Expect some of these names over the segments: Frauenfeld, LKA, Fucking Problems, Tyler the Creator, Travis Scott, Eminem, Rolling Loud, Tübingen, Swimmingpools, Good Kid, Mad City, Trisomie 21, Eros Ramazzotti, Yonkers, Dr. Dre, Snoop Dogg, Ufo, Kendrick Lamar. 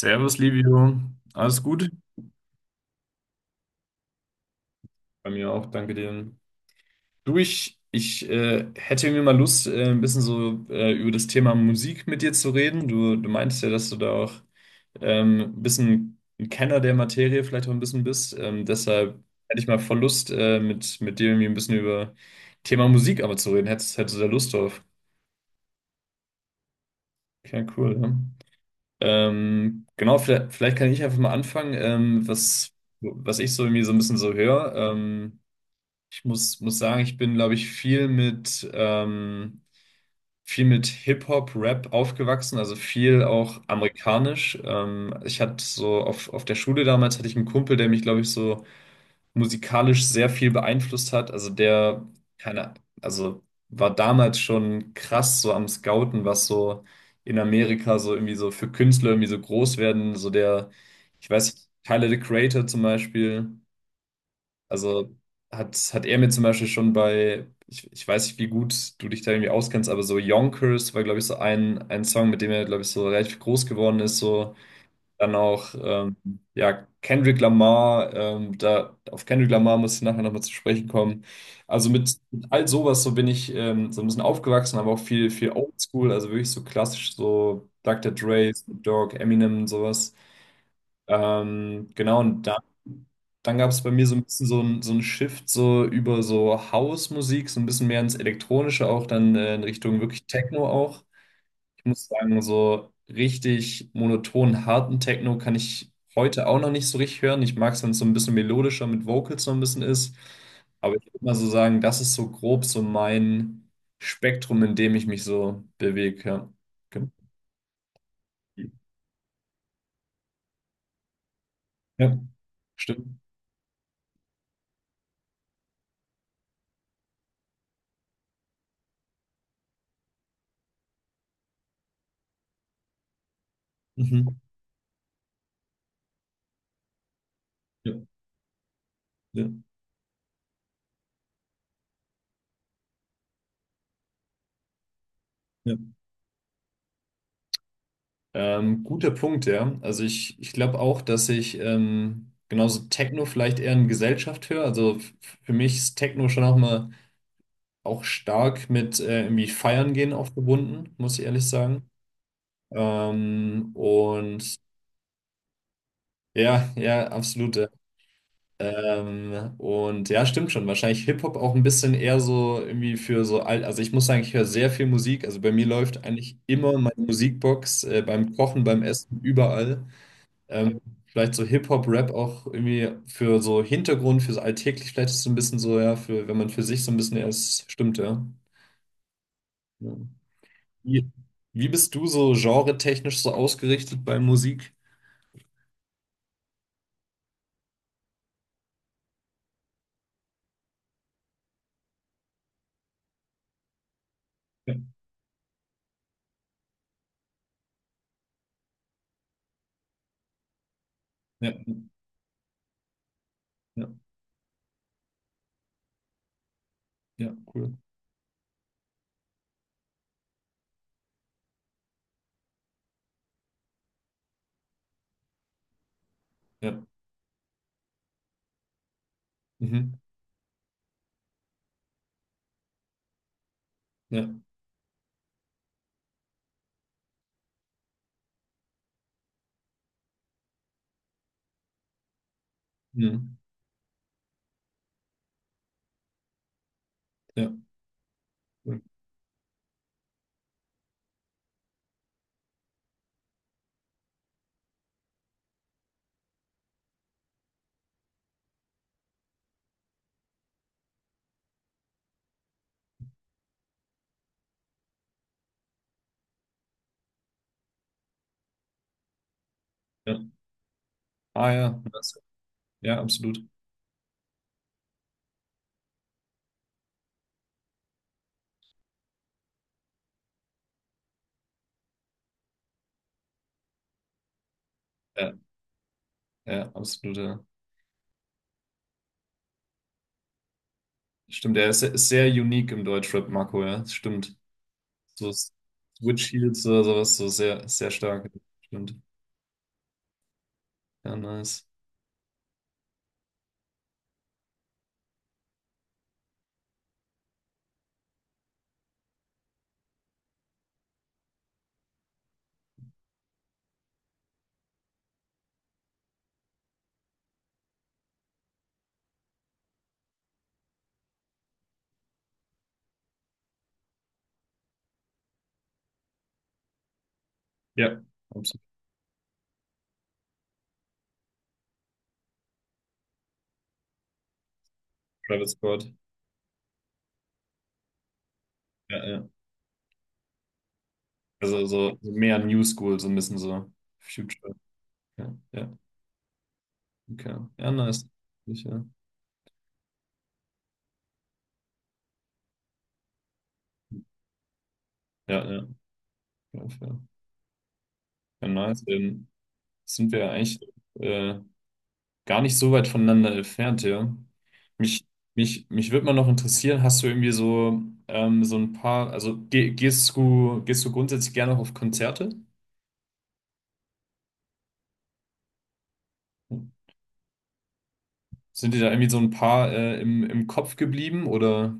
Servus, Livio. Alles gut? Bei mir auch, danke dir. Du, ich hätte mir mal Lust, ein bisschen so über das Thema Musik mit dir zu reden. Du meintest ja, dass du da auch ein bisschen ein Kenner der Materie vielleicht auch ein bisschen bist. Deshalb hätte ich mal voll Lust, mit dir irgendwie ein bisschen über Thema Musik aber zu reden. Hättest du da Lust drauf? Ja, cool, ja. Genau, vielleicht kann ich einfach mal anfangen, was ich so irgendwie so ein bisschen so höre. Ich muss sagen, ich bin, glaube ich, viel mit Hip-Hop, Rap aufgewachsen, also viel auch amerikanisch. Ich hatte so auf der Schule damals hatte ich einen Kumpel, der mich, glaube ich, so musikalisch sehr viel beeinflusst hat. Also der, keine, also war damals schon krass so am Scouten, was so in Amerika so irgendwie so für Künstler irgendwie so groß werden. So der, ich weiß, Tyler the Creator zum Beispiel. Also hat er mir zum Beispiel schon bei, ich weiß nicht, wie gut du dich da irgendwie auskennst, aber so Yonkers war, glaube ich, so ein Song, mit dem er, glaube ich, so relativ groß geworden ist. So dann auch, ja, Kendrick Lamar, da, auf Kendrick Lamar muss ich nachher nochmal zu sprechen kommen. Also mit all sowas, so bin ich so ein bisschen aufgewachsen, aber auch viel, viel Oldschool, also wirklich so klassisch, so Dr. Dre, Snoop Dogg, Eminem, sowas. Genau, und dann gab es bei mir so ein bisschen so ein Shift so über so House-Musik, so ein bisschen mehr ins Elektronische auch, dann in Richtung wirklich Techno auch. Ich muss sagen, so richtig monoton, harten Techno kann ich heute auch noch nicht so richtig hören. Ich mag es, wenn es so ein bisschen melodischer mit Vocals so ein bisschen ist. Aber ich würde mal so sagen, das ist so grob so mein Spektrum, in dem ich mich so bewege. Ja, genau. Ja, stimmt. Mhm. Ja, ja, ja. Guter Punkt, ja. Also ich glaube auch, dass ich genauso Techno vielleicht eher in Gesellschaft höre. Also für mich ist Techno schon auch mal auch stark mit irgendwie Feiern gehen auch verbunden, muss ich ehrlich sagen. Und ja, ja, absolut. Ja. Und ja, stimmt schon. Wahrscheinlich Hip-Hop auch ein bisschen eher so irgendwie für so alt. Also ich muss sagen, ich höre sehr viel Musik. Also bei mir läuft eigentlich immer meine Musikbox beim Kochen, beim Essen, überall. Ähm, vielleicht so Hip-Hop-Rap auch irgendwie für so Hintergrund, für so alltäglich, vielleicht ist es so ein bisschen so, ja, für, wenn man für sich so ein bisschen erst stimmt, ja. Ja. Wie, wie bist du so genretechnisch so ausgerichtet bei Musik? Ja, ja, ja, ja, cool. Ja, mhm, ja, mhm, ja, cool. Ja. Ah ja, ja, absolut. Ja, ja, absolut, ja. Stimmt, der ist sehr unique im Deutschrap, Marco, ja, das stimmt. So Switch Heels oder sowas, so sehr, sehr stark. Stimmt. Ja, nice. Ja, absolut. Travis Scott. Ja, ja. Also so mehr New School, so ein bisschen so Future. Ja, ja, okay. Ja, nice. Sicher. Ja, ja. Ja, fair. Ja, nice. Dann sind wir ja eigentlich äh, gar nicht so weit voneinander entfernt, ja. Mich, mich würde mal noch interessieren, hast du irgendwie so, so ein paar, also gehst du grundsätzlich gerne auf Konzerte? Sind dir da irgendwie so ein paar im Kopf geblieben oder?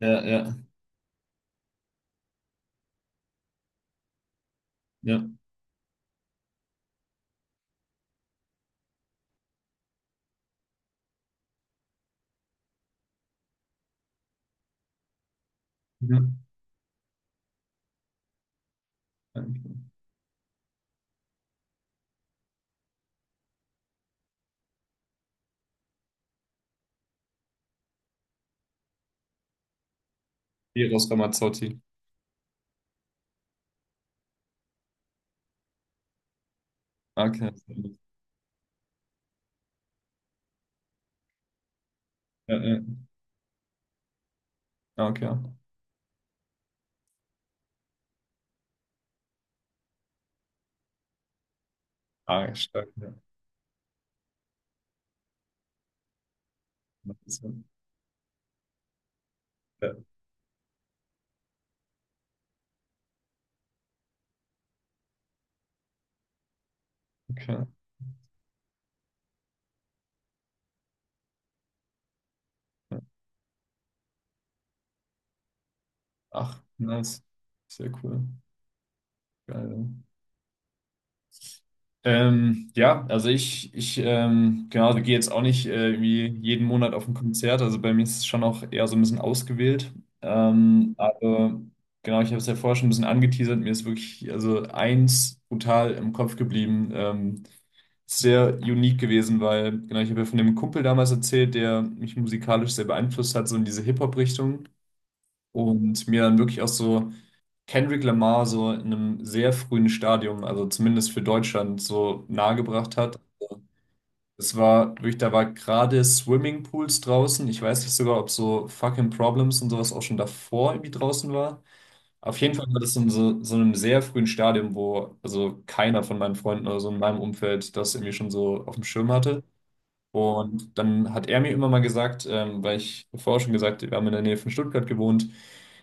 Ja, ja, ja. Ja, danke. Eros Ramazzotti. Okay. Ja, ja. Ah, okay. Ah, stark. Ja. Das ist ja- ja, okay. Ja. Ach, nice. Sehr cool. Geil. Ja. Ja, also ich genau, gehe jetzt auch nicht irgendwie jeden Monat auf ein Konzert. Also bei mir ist es schon auch eher so ein bisschen ausgewählt. Aber genau, ich habe es ja vorher schon ein bisschen angeteasert. Mir ist wirklich also eins brutal im Kopf geblieben. Sehr unique gewesen, weil, genau, ich habe ja von dem Kumpel damals erzählt, der mich musikalisch sehr beeinflusst hat, so in diese Hip-Hop-Richtung. Und mir dann wirklich auch so Kendrick Lamar so in einem sehr frühen Stadium, also zumindest für Deutschland, so nahegebracht hat. Es war wirklich, da war gerade Swimmingpools draußen. Ich weiß nicht sogar, ob so Fucking Problems und sowas auch schon davor irgendwie draußen war. Auf jeden Fall war das in so einem sehr frühen Stadium, wo also keiner von meinen Freunden oder so in meinem Umfeld das irgendwie schon so auf dem Schirm hatte. Und dann hat er mir immer mal gesagt, weil ich vorher schon gesagt, wir haben in der Nähe von Stuttgart gewohnt,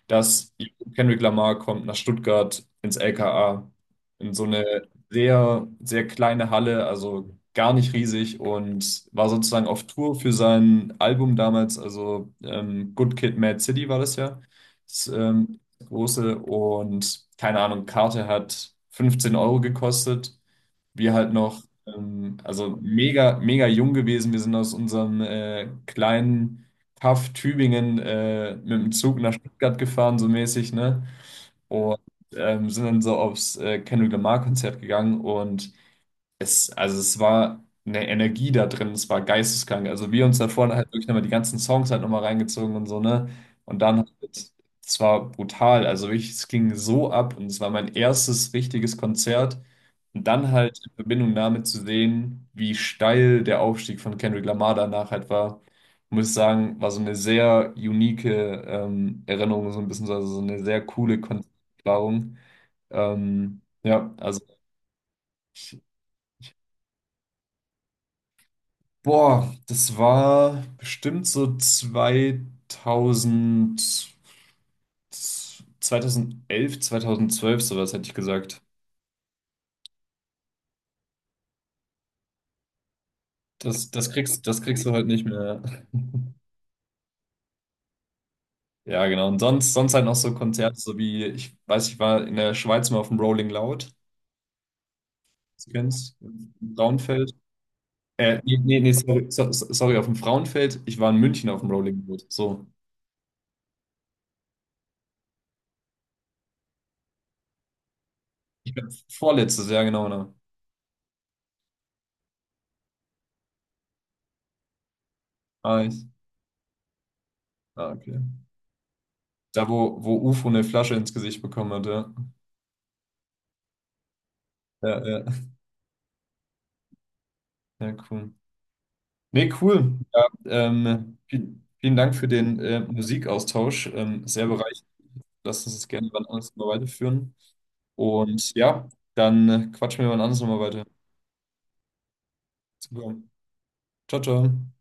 dass Kendrick Lamar kommt nach Stuttgart ins LKA in so eine sehr, sehr kleine Halle, also gar nicht riesig und war sozusagen auf Tour für sein Album damals, also Good Kid, Mad City war das ja, das große und keine Ahnung, Karte hat 15 € gekostet wir halt noch, also mega, mega jung gewesen. Wir sind aus unserem kleinen Kaff Tübingen mit dem Zug nach Stuttgart gefahren, so mäßig, ne? Und sind dann so aufs Kendrick Lamar-Konzert gegangen und es war eine Energie da drin, es war geisteskrank. Also wir uns da vorne halt wirklich nochmal die ganzen Songs halt nochmal reingezogen und so, ne? Und dann, es war brutal. Also wirklich, es ging so ab und es war mein erstes richtiges Konzert. Und dann halt in Verbindung damit zu sehen, wie steil der Aufstieg von Kendrick Lamar danach halt war, muss ich sagen, war so eine sehr unique Erinnerung, so ein bisschen, also so eine sehr coole Konzerterfahrung. Ja, also. Boah, das war bestimmt so 2000, 2011, 2012, sowas hätte ich gesagt. Das kriegst du halt nicht mehr. Ja, genau. Und sonst halt noch so Konzerte, so wie, ich weiß, ich war in der Schweiz mal auf dem Rolling Loud, das du kennst, im Frauenfeld. Nee, nee, nee, sorry, sorry, auf dem Frauenfeld. Ich war in München auf dem Rolling Loud. So. Ich glaub, vorletztes Jahr, genau, genau. Ah, okay. Da, wo Ufo eine Flasche ins Gesicht bekommen hat, ja. Ja, ja, ja, cool. Nee, cool. Ja, vielen Dank für den Musikaustausch. Sehr bereichernd. Lass uns das gerne wann anders mal weiterführen. Und ja, dann quatschen wir wann anders nochmal weiter. Super. Ciao, ciao.